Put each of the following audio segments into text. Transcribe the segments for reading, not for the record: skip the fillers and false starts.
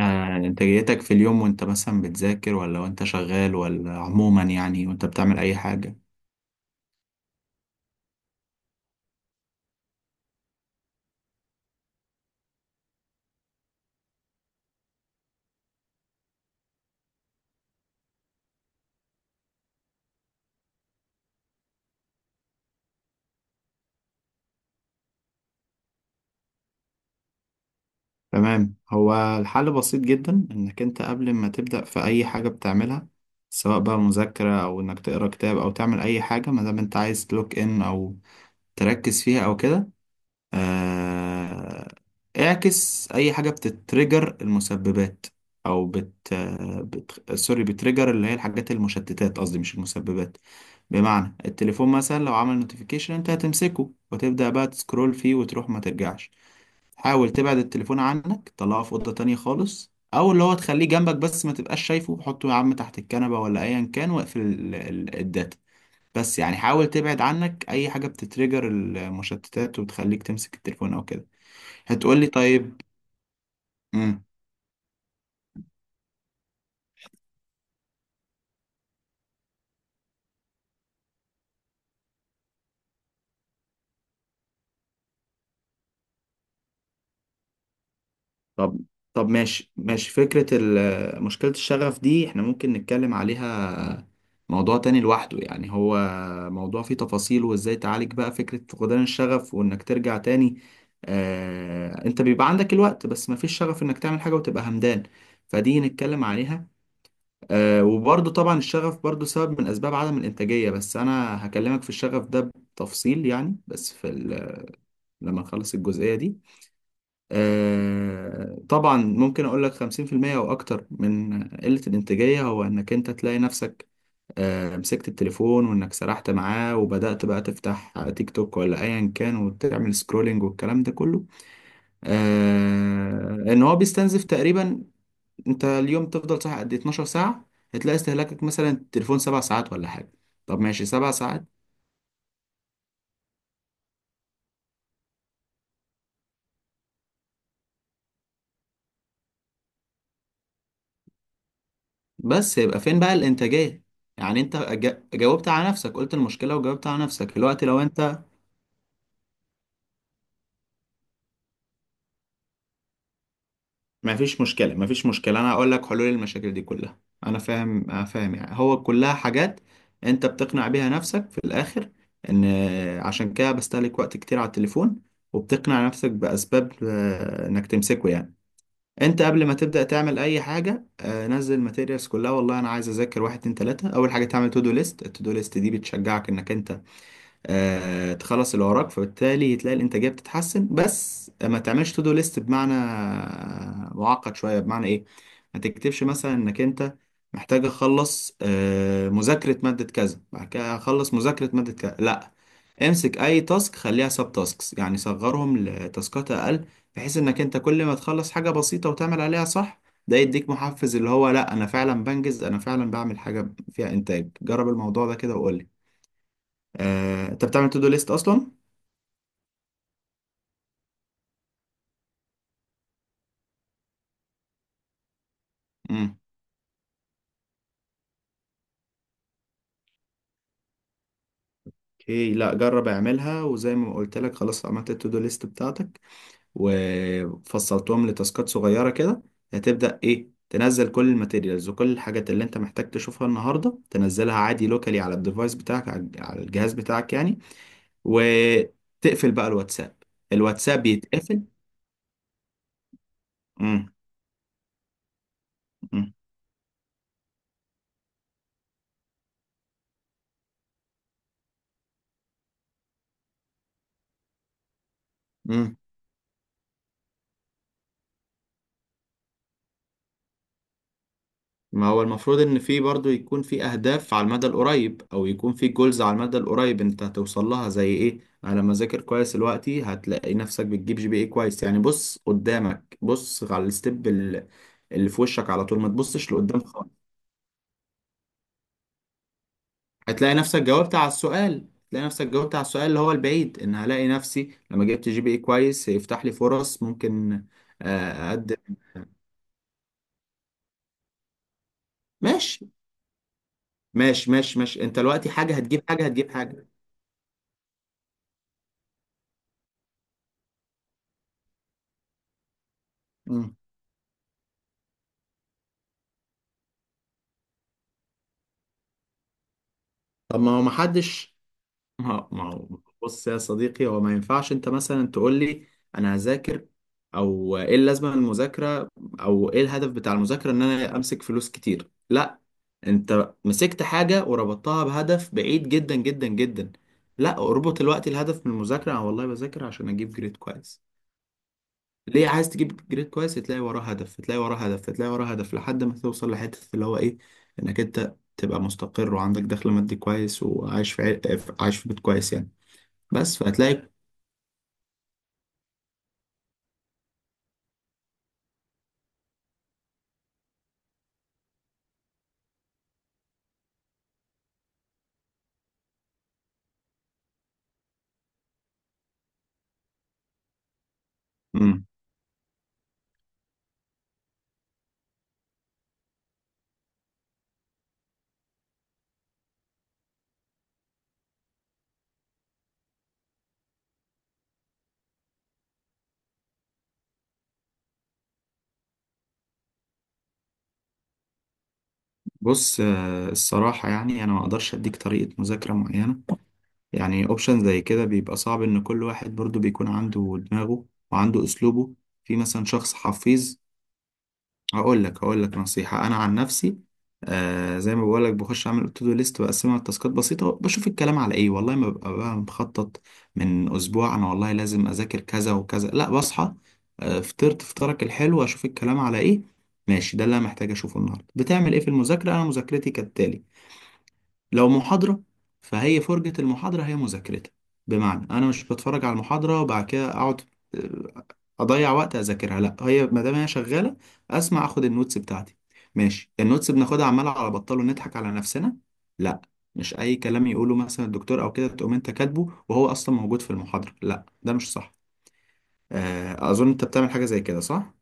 انتاجيتك في اليوم وانت مثلا بتذاكر ولا وانت شغال ولا عموما يعني وانت بتعمل اي حاجة؟ تمام. هو الحل بسيط جدا انك انت قبل ما تبدأ في اي حاجة بتعملها، سواء بقى مذاكرة او انك تقرا كتاب او تعمل اي حاجة ما دام انت عايز تلوك ان او تركز فيها او كده. آه، اعكس اي حاجه بتتريجر المسببات، او سوري، بتريجر اللي هي الحاجات المشتتات، قصدي مش المسببات. بمعنى التليفون مثلا لو عمل نوتيفيكيشن انت هتمسكه وتبدا بقى تسكرول فيه وتروح ما ترجعش. حاول تبعد التليفون عنك، طلعه في اوضه تانية خالص، او اللي هو تخليه جنبك بس ما تبقاش شايفه، حطه يا عم تحت الكنبه ولا ايا كان، واقفل الداتا. بس يعني حاول تبعد عنك اي حاجه بتتريجر المشتتات وبتخليك تمسك التليفون او كده. هتقولي طيب. امم طب طب ماشي ماشي، فكره مشكله الشغف دي احنا ممكن نتكلم عليها، موضوع تاني لوحده يعني. هو موضوع فيه تفاصيل وازاي تعالج بقى فكره فقدان الشغف وانك ترجع تاني. انت بيبقى عندك الوقت بس مفيش شغف انك تعمل حاجه وتبقى همدان، فدي نتكلم عليها. وبرضه طبعا الشغف برضه سبب من أسباب عدم الإنتاجية، بس أنا هكلمك في الشغف ده بتفصيل يعني، بس لما نخلص الجزئية دي. طبعا ممكن أقول لك 50% أو أكتر من قلة الإنتاجية هو إنك أنت تلاقي نفسك مسكت التليفون وإنك سرحت معاه وبدأت بقى تفتح تيك توك ولا أيا كان وتعمل سكرولينج والكلام ده كله. إن هو بيستنزف تقريبا. انت اليوم تفضل صاحي قد إيه؟ 12 ساعة. هتلاقي استهلاكك مثلا التليفون 7 ساعات ولا حاجة. طب ماشي، 7 ساعات. بس يبقى فين بقى الانتاجية؟ يعني انت جاوبت على نفسك، قلت المشكلة وجاوبت على نفسك دلوقتي لو انت. ما فيش مشكلة، ما فيش مشكلة، انا هقول لك حلول المشاكل دي كلها. انا فاهم، انا فاهم، يعني هو كلها حاجات انت بتقنع بيها نفسك في الاخر، ان عشان كده بستهلك وقت كتير على التليفون، وبتقنع نفسك بأسباب انك تمسكه يعني. انت قبل ما تبدأ تعمل اي حاجة نزل الماتيريالز كلها. والله انا عايز اذاكر، واحد اتنين تلاتة اول حاجة تعمل تو دو ليست. التو دو ليست دي بتشجعك انك انت تخلص اللي وراك، فبالتالي تلاقي الانتاجيه بتتحسن. بس ما تعملش تو دو ليست بمعنى معقد شويه. بمعنى ايه؟ ما تكتبش مثلا انك انت محتاج اخلص مذاكره ماده كذا، بعد كده اخلص مذاكره ماده كذا. لا، امسك اي تاسك خليها سب تاسكس، يعني صغرهم لتاسكات اقل، بحيث انك انت كل ما تخلص حاجه بسيطه وتعمل عليها صح، ده يديك محفز، اللي هو لا انا فعلا بنجز، انا فعلا بعمل حاجه فيها انتاج. جرب الموضوع ده كده وقول لي. انت بتعمل تو دو ليست اصلا؟ امم اوكي، لا جرب اعملها وزي ما قلت لك، خلاص عملت التو دو ليست بتاعتك وفصلتهم لتاسكات صغيره كده. هتبدا ايه؟ تنزل كل الماتيريالز وكل الحاجات اللي انت محتاج تشوفها النهارده، تنزلها عادي لوكالي على الديفايس بتاعك، على الجهاز بتاعك يعني. وتقفل بقى الواتساب. الواتساب بيتقفل. امم ما هو المفروض ان في برضو يكون في اهداف على المدى القريب، او يكون في جولز على المدى القريب انت هتوصل لها، زي ايه؟ انا لما اذاكر كويس دلوقتي هتلاقي نفسك بتجيب جي بي اي كويس، يعني بص قدامك، بص على الستيب اللي في وشك على طول، ما تبصش لقدام خالص. هتلاقي نفسك جاوبت على السؤال، هتلاقي نفسك جاوبت على السؤال اللي هو البعيد، ان هلاقي نفسي لما جبت جي بي اي كويس هيفتح لي فرص ممكن اقدم. ماشي ماشي ماشي ماشي، انت دلوقتي حاجة هتجيب حاجة هتجيب حاجة. مم. طب، ما هو محدش، ما هو ما هو- بص يا صديقي، هو ما ينفعش انت مثلا تقول لي انا هذاكر، او ايه اللازمه من المذاكره، او ايه الهدف بتاع المذاكره ان انا امسك فلوس كتير. لا، انت مسكت حاجه وربطتها بهدف بعيد جدا جدا جدا. لا، اربط الوقت، الهدف من المذاكره انا والله بذاكر عشان اجيب جريد كويس. ليه عايز تجيب جريد كويس؟ تلاقي وراه هدف، تلاقي وراه هدف، تلاقي وراه هدف لحد ما توصل لحته اللي هو ايه؟ انك انت تبقى مستقر وعندك دخل مادي كويس وعايش في عايش في بيت كويس يعني. بس فهتلاقي. مم. بص، الصراحة يعني أنا ما أقدرش أديك طريقة مذاكرة معينة. يعني أوبشن زي كده بيبقى صعب، إن كل واحد برضو بيكون عنده دماغه وعنده أسلوبه. في مثلا شخص حفيظ. هقول لك نصيحة أنا عن نفسي. زي ما بقول لك، بخش أعمل تو دو ليست، بقسمها لتاسكات بسيطة، بشوف الكلام على إيه، والله ما ببقى بقى مخطط من أسبوع. أنا والله لازم أذاكر كذا وكذا، لا، بصحى فطرت فطارك الحلو، أشوف الكلام على إيه. ماشي، ده اللي أنا محتاج أشوفه النهاردة. بتعمل إيه في المذاكرة؟ أنا مذاكرتي كالتالي، لو محاضرة فهي فرجة المحاضرة هي مذاكرتها. بمعنى أنا مش بتفرج على المحاضرة وبعد كده أقعد آه، أضيع وقت أذاكرها. لأ، هي ما دام هي شغالة أسمع أخد النوتس بتاعتي. ماشي، النوتس بناخدها عمالة على بطال ونضحك على نفسنا؟ لأ، مش أي كلام يقوله مثلا الدكتور أو كده تقوم أنت كاتبه وهو أصلا موجود في المحاضرة، لأ ده مش صح. أظن أنت بتعمل حاجة زي كده، صح؟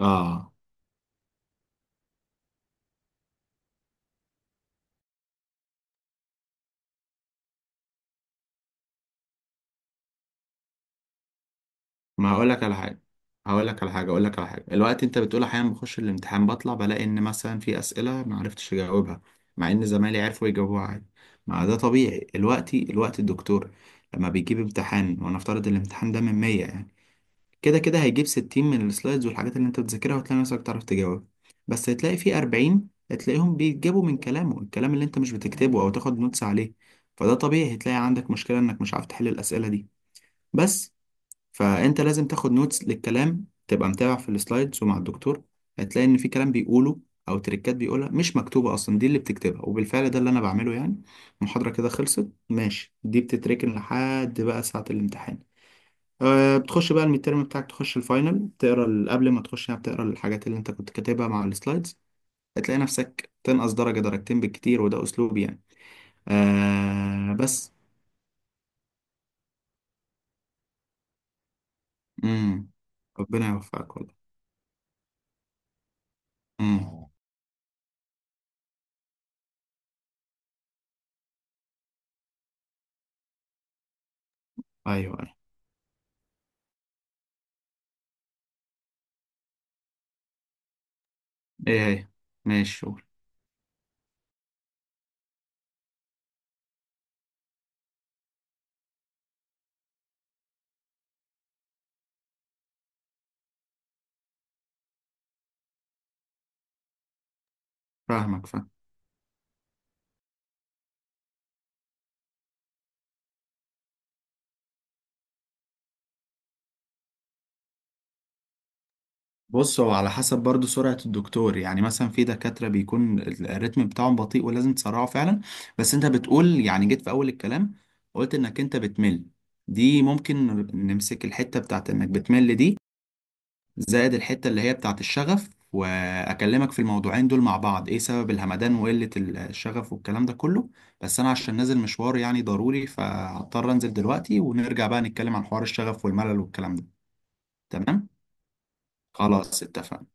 آه ما هقول لك على حاجه الوقت انت بتقول احيانا بخش الامتحان بطلع بلاقي ان مثلا في اسئله ما عرفتش اجاوبها، مع ان زمايلي عرفوا يجاوبوها عادي. ما ده طبيعي. الوقت الدكتور لما بيجيب امتحان ونفترض الامتحان ده من 100 يعني، كده كده هيجيب 60 من السلايدز والحاجات اللي انت بتذاكرها وتلاقي نفسك تعرف تجاوب، بس هتلاقي في 40 هتلاقيهم بيتجابوا من كلامه، الكلام اللي انت مش بتكتبه او تاخد نوتس عليه. فده طبيعي هتلاقي عندك مشكله انك مش عارف تحل الاسئله دي. بس، فانت لازم تاخد نوتس للكلام، تبقى متابع في السلايدز ومع الدكتور. هتلاقي ان في كلام بيقوله او تريكات بيقولها مش مكتوبه اصلا، دي اللي بتكتبها. وبالفعل ده اللي انا بعمله يعني. المحاضره كده خلصت ماشي، دي بتتركن لحد بقى ساعه الامتحان. بتخش بقى الميدترم بتاعك تخش الفاينل، تقرا قبل ما تخش يعني بتقرا الحاجات اللي انت كنت كاتبها مع السلايدز، هتلاقي نفسك تنقص درجه درجتين بالكتير. وده اسلوبي يعني. بس. امم ربنا يوفقك والله. امم ايوه. ايه هي؟ ماشي، قول. فاهمك، فاهم. بص، هو على حسب برضو سرعة الدكتور يعني. مثلا في دكاترة بيكون الريتم بتاعهم بطيء ولازم تسرعه فعلا. بس انت بتقول يعني جيت في اول الكلام قلت انك انت بتمل، دي ممكن نمسك الحتة بتاعت انك بتمل دي، زائد الحتة اللي هي بتاعت الشغف، واكلمك في الموضوعين دول مع بعض، ايه سبب الهمدان وقلة الشغف والكلام ده كله. بس انا عشان نازل مشوار يعني ضروري، فهضطر انزل دلوقتي ونرجع بقى نتكلم عن حوار الشغف والملل والكلام ده. تمام، خلاص اتفقنا.